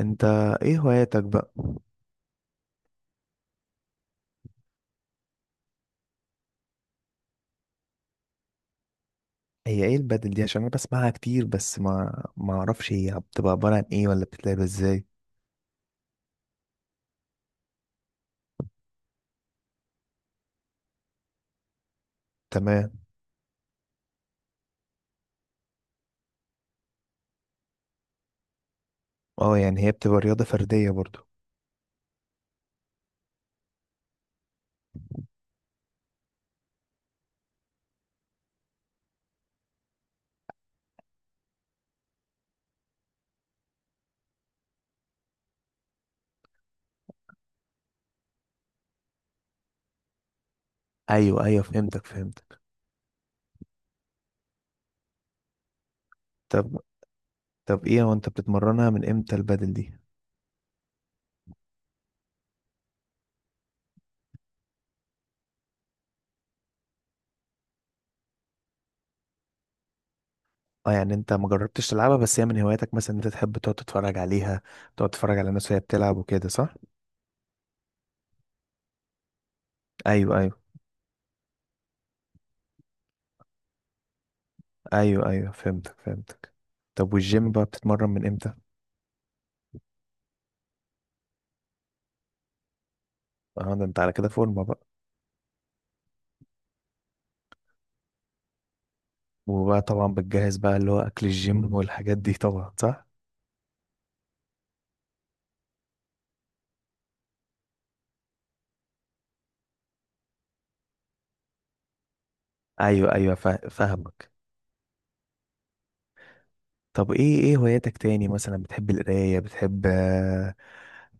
انت، ايه هواياتك بقى؟ هي ايه البدل دي؟ عشان انا بسمعها كتير بس ما اعرفش هي بتبقى عبارة عن ايه ولا بتتلعب ازاي. تمام. اه يعني هي بتبقى رياضة فردية برضو؟ ايوه ايوه، فهمتك. طب طب، ايه هو؟ انت بتتمرنها من امتى البدل دي؟ اه يعني انت ما جربتش تلعبها، بس هي من هواياتك مثلا؟ انت تحب تقعد تتفرج عليها، تقعد تتفرج على الناس وهي بتلعب وكده، صح؟ ايوه ايوه. ايوه ايوه، فهمتك. طب والجيم بقى بتتمرن من امتى؟ اه ده انت على كده فورمة بقى. وبقى طبعا بتجهز بقى، اللي هو اكل الجيم والحاجات دي طبعا، صح؟ ايوه ايوه، فاهمك. طب ايه؟ ايه هواياتك تاني مثلا؟ بتحب القرايه؟ بتحب،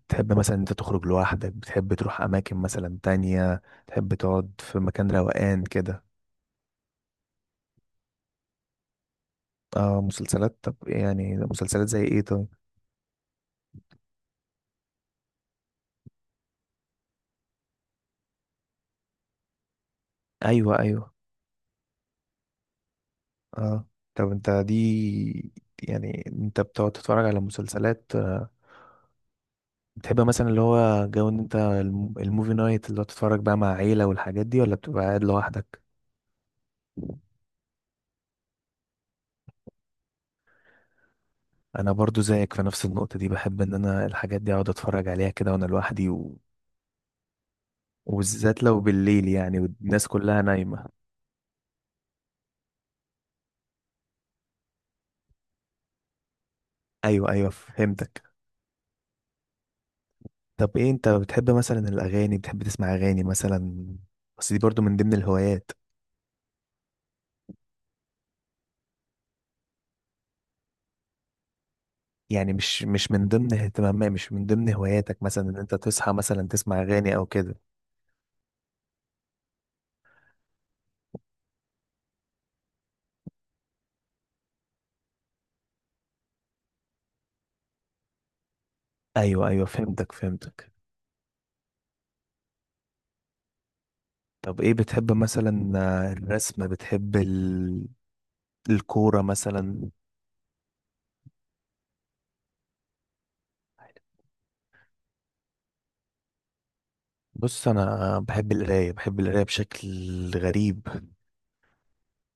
بتحب مثلا انت تخرج لوحدك؟ بتحب تروح اماكن مثلا تانية؟ تحب تقعد في مكان روقان كده؟ اه مسلسلات، طب يعني مسلسلات زي ايه طب؟ ايوه ايوه. اه. طب انت دي، يعني انت بتقعد تتفرج على مسلسلات، بتحب مثلا اللي هو جو ان انت الموفي نايت اللي هو تتفرج بقى مع عيلة والحاجات دي، ولا بتبقى قاعد لوحدك؟ انا برضو زيك في نفس النقطة دي، بحب ان انا الحاجات دي اقعد اتفرج عليها كده وانا لوحدي، و... وبالذات لو بالليل يعني والناس كلها نايمة. ايوه ايوه فهمتك. طب ايه؟ انت بتحب مثلا الاغاني؟ بتحب تسمع اغاني مثلا؟ بس دي برضو من ضمن الهوايات. يعني مش من ضمن اهتمامات، مش من ضمن هواياتك مثلا، ان انت تصحى مثلا تسمع اغاني او كده؟ ايوه ايوه، فهمتك. طب ايه بتحب مثلا؟ الرسم؟ بتحب الكورة مثلا؟ بص، انا بحب القراية، بحب القراية بشكل غريب.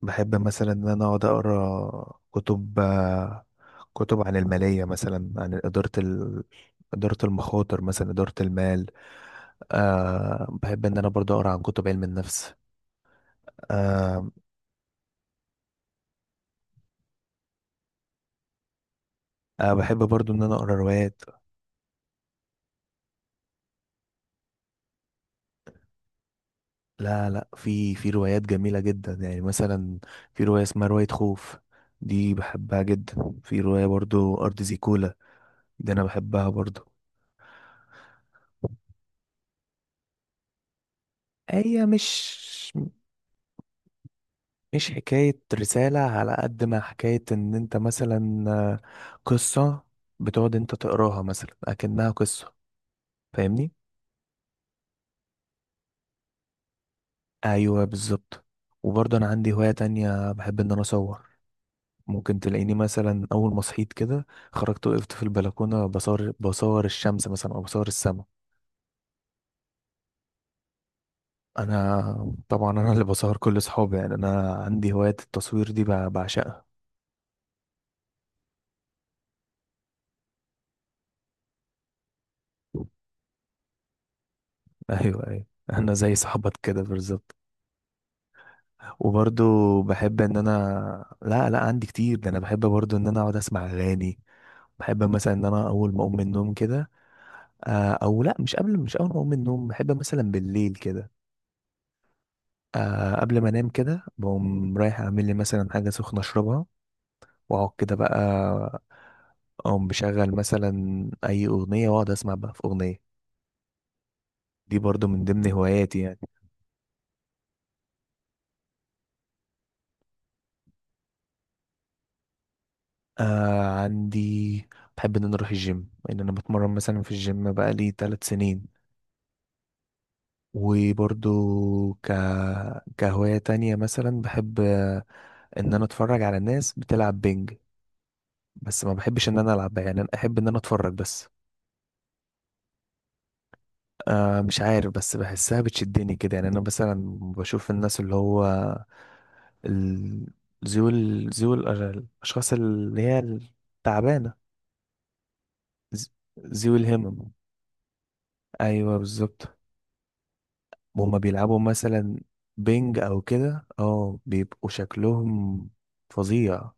بحب مثلا ان انا اقعد اقرا كتب، كتب عن المالية مثلا، عن إدارة إدارة المخاطر مثلا، إدارة المال. أه، بحب إن أنا برضو أقرأ عن كتب علم النفس. أه. أه، بحب برضو إن أنا أقرأ روايات. لا لا، في روايات جميلة جدا يعني. مثلا في رواية اسمها رواية خوف، دي بحبها جدا. في رواية برضو أرض زيكولا، دي أنا بحبها برضو. هي مش، مش حكاية رسالة، على قد ما حكاية إن أنت مثلا، قصة بتقعد أنت تقراها مثلا أكنها قصة. فاهمني؟ أيوه بالظبط. وبرضه أنا عندي هواية تانية، بحب إن أنا أصور. ممكن تلاقيني مثلا اول ما صحيت كده خرجت وقفت في البلكونه بصور، بصور الشمس مثلا او بصور السماء. انا طبعا انا اللي بصور كل صحابي، يعني انا عندي هوايه التصوير دي بعشقها. ايوه ايوه، انا زي صاحبك كده بالظبط. وبرضو بحب ان انا، لا لا عندي كتير، ده انا بحب برضو ان انا اقعد اسمع اغاني. بحب مثلا ان انا اول ما اقوم من النوم كده، آه، او لا مش قبل، مش اول ما اقوم من النوم، بحب مثلا بالليل كده، آه قبل ما انام كده، بقوم رايح اعمل لي مثلا حاجه سخنه اشربها، واقعد كده بقى اقوم بشغل مثلا اي اغنيه، واقعد اسمع بقى في اغنيه. دي برضو من ضمن هواياتي يعني. آه عندي، بحب ان انا اروح الجيم، ان انا بتمرن مثلا في الجيم بقى لي 3 سنين. وبرضو ك... كهواية تانية مثلا بحب، ان انا اتفرج على الناس بتلعب بينج، بس ما بحبش ان انا العب، يعني انا احب ان انا اتفرج بس. آه مش عارف، بس بحسها بتشدني كده. يعني انا مثلا بشوف الناس، اللي هو ال- ذوي الاشخاص اللي هي التعبانه، ز- ذوي الهمم. ايوه بالظبط. وهما بيلعبوا مثلا بينج او كده، اه بيبقوا شكلهم فظيع.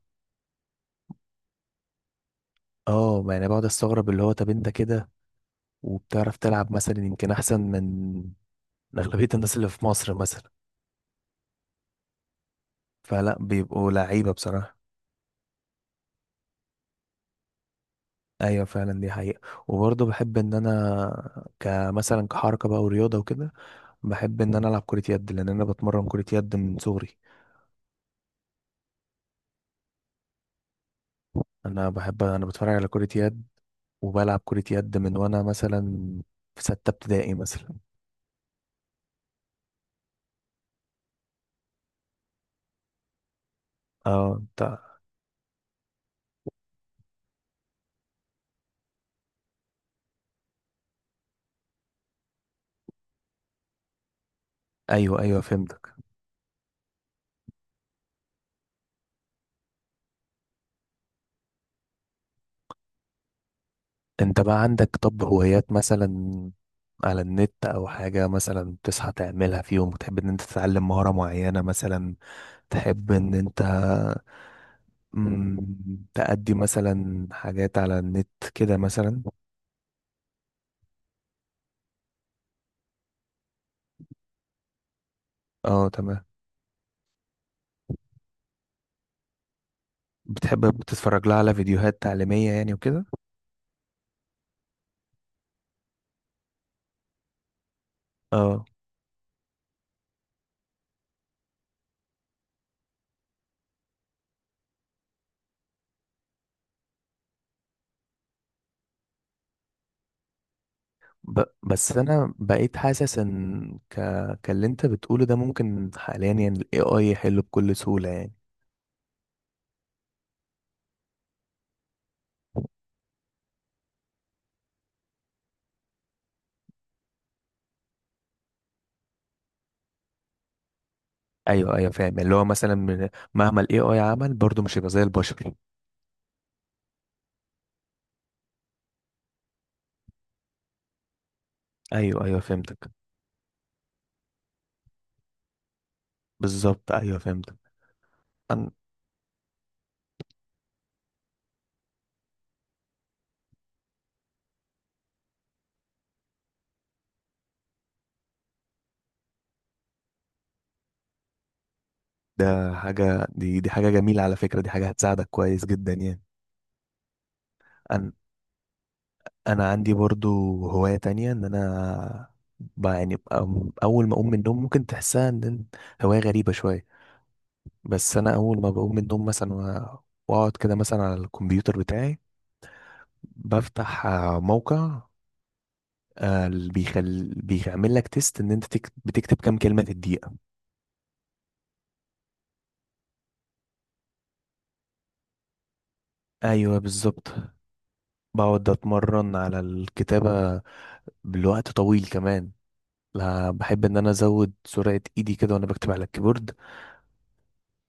اه يعني بقعد استغرب، اللي هو طب انت كده وبتعرف تلعب مثلا يمكن احسن من اغلبيه الناس اللي في مصر مثلا؟ فلا، بيبقوا لعيبه بصراحه. ايوه فعلا، دي حقيقة. وبرضه بحب ان انا كمثلا، كحركة بقى ورياضة وكده، بحب ان انا العب كرة يد، لان انا بتمرن كرة يد من صغري. انا بحب، انا بتفرج على كرة يد، وبلعب كرة يد من وانا مثلا في ستة ابتدائي مثلا. اه انت. ايوه ايوه فهمتك. انت بقى عندك طب هوايات مثلا على النت، او حاجة مثلا بتصحى تعملها في يوم وتحب ان انت تتعلم مهارة معينة مثلا؟ تحب ان انت، مم، تأدي مثلا حاجات على النت كده مثلا؟ اه تمام. بتحب بتتفرج لها على فيديوهات تعليمية يعني وكده؟ اه. بس انا بقيت حاسس ان كاللي انت بتقوله ده ممكن حاليا يعني ال AI يحله بكل سهولة يعني. ايوه ايوه فاهم، اللي هو مثلا مهما ال AI عمل برضه مش هيبقى زي البشر. ايوه ايوه فهمتك. بالظبط ايوه فهمتك. أن... ده حاجة، دي حاجة جميلة على فكرة، دي حاجة هتساعدك كويس جدا يعني. أنا، انا عندي برضو هواية تانية، ان انا يعني اول ما اقوم من النوم ممكن تحسها ان إن هواية غريبة شوية، بس انا اول ما بقوم من النوم مثلا واقعد كده مثلا على الكمبيوتر بتاعي، بفتح موقع، اللي بيعمل لك تيست ان انت بتكتب كام كلمة في الدقيقة. ايوه بالظبط. بقعد اتمرن على الكتابة، بالوقت طويل كمان. لا، بحب ان انا ازود سرعة ايدي كده وانا بكتب على الكيبورد.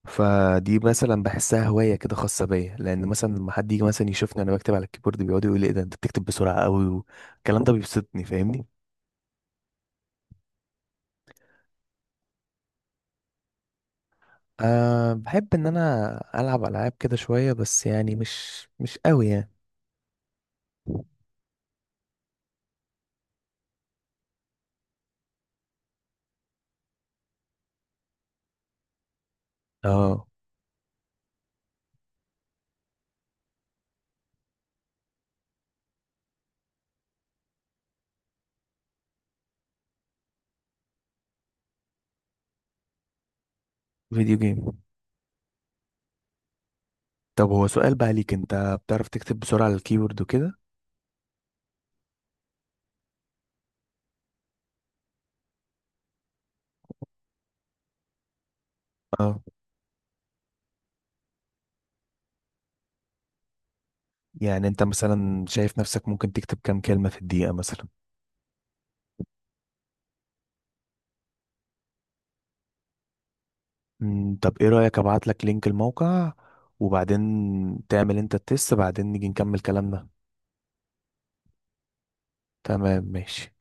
فدي مثلا بحسها هواية كده خاصة بيا، لأن مثلا لما حد يجي مثلا يشوفني أنا بكتب على الكيبورد، بيقعد يقول لي إيه ده، أنت بتكتب بسرعة أوي، والكلام ده بيبسطني، فاهمني؟ أه، بحب إن أنا ألعب ألعاب كده شوية بس، يعني مش أوي يعني. اه فيديو جيم. طب هو سؤال بقى ليك، انت بتعرف تكتب بسرعة على الكيبورد وكده؟ اه. يعني انت مثلا شايف نفسك ممكن تكتب كام كلمة في الدقيقة مثلا؟ مم، طب ايه رأيك ابعت لك لينك الموقع، وبعدين تعمل انت التست، بعدين نيجي نكمل كلامنا. تمام ماشي.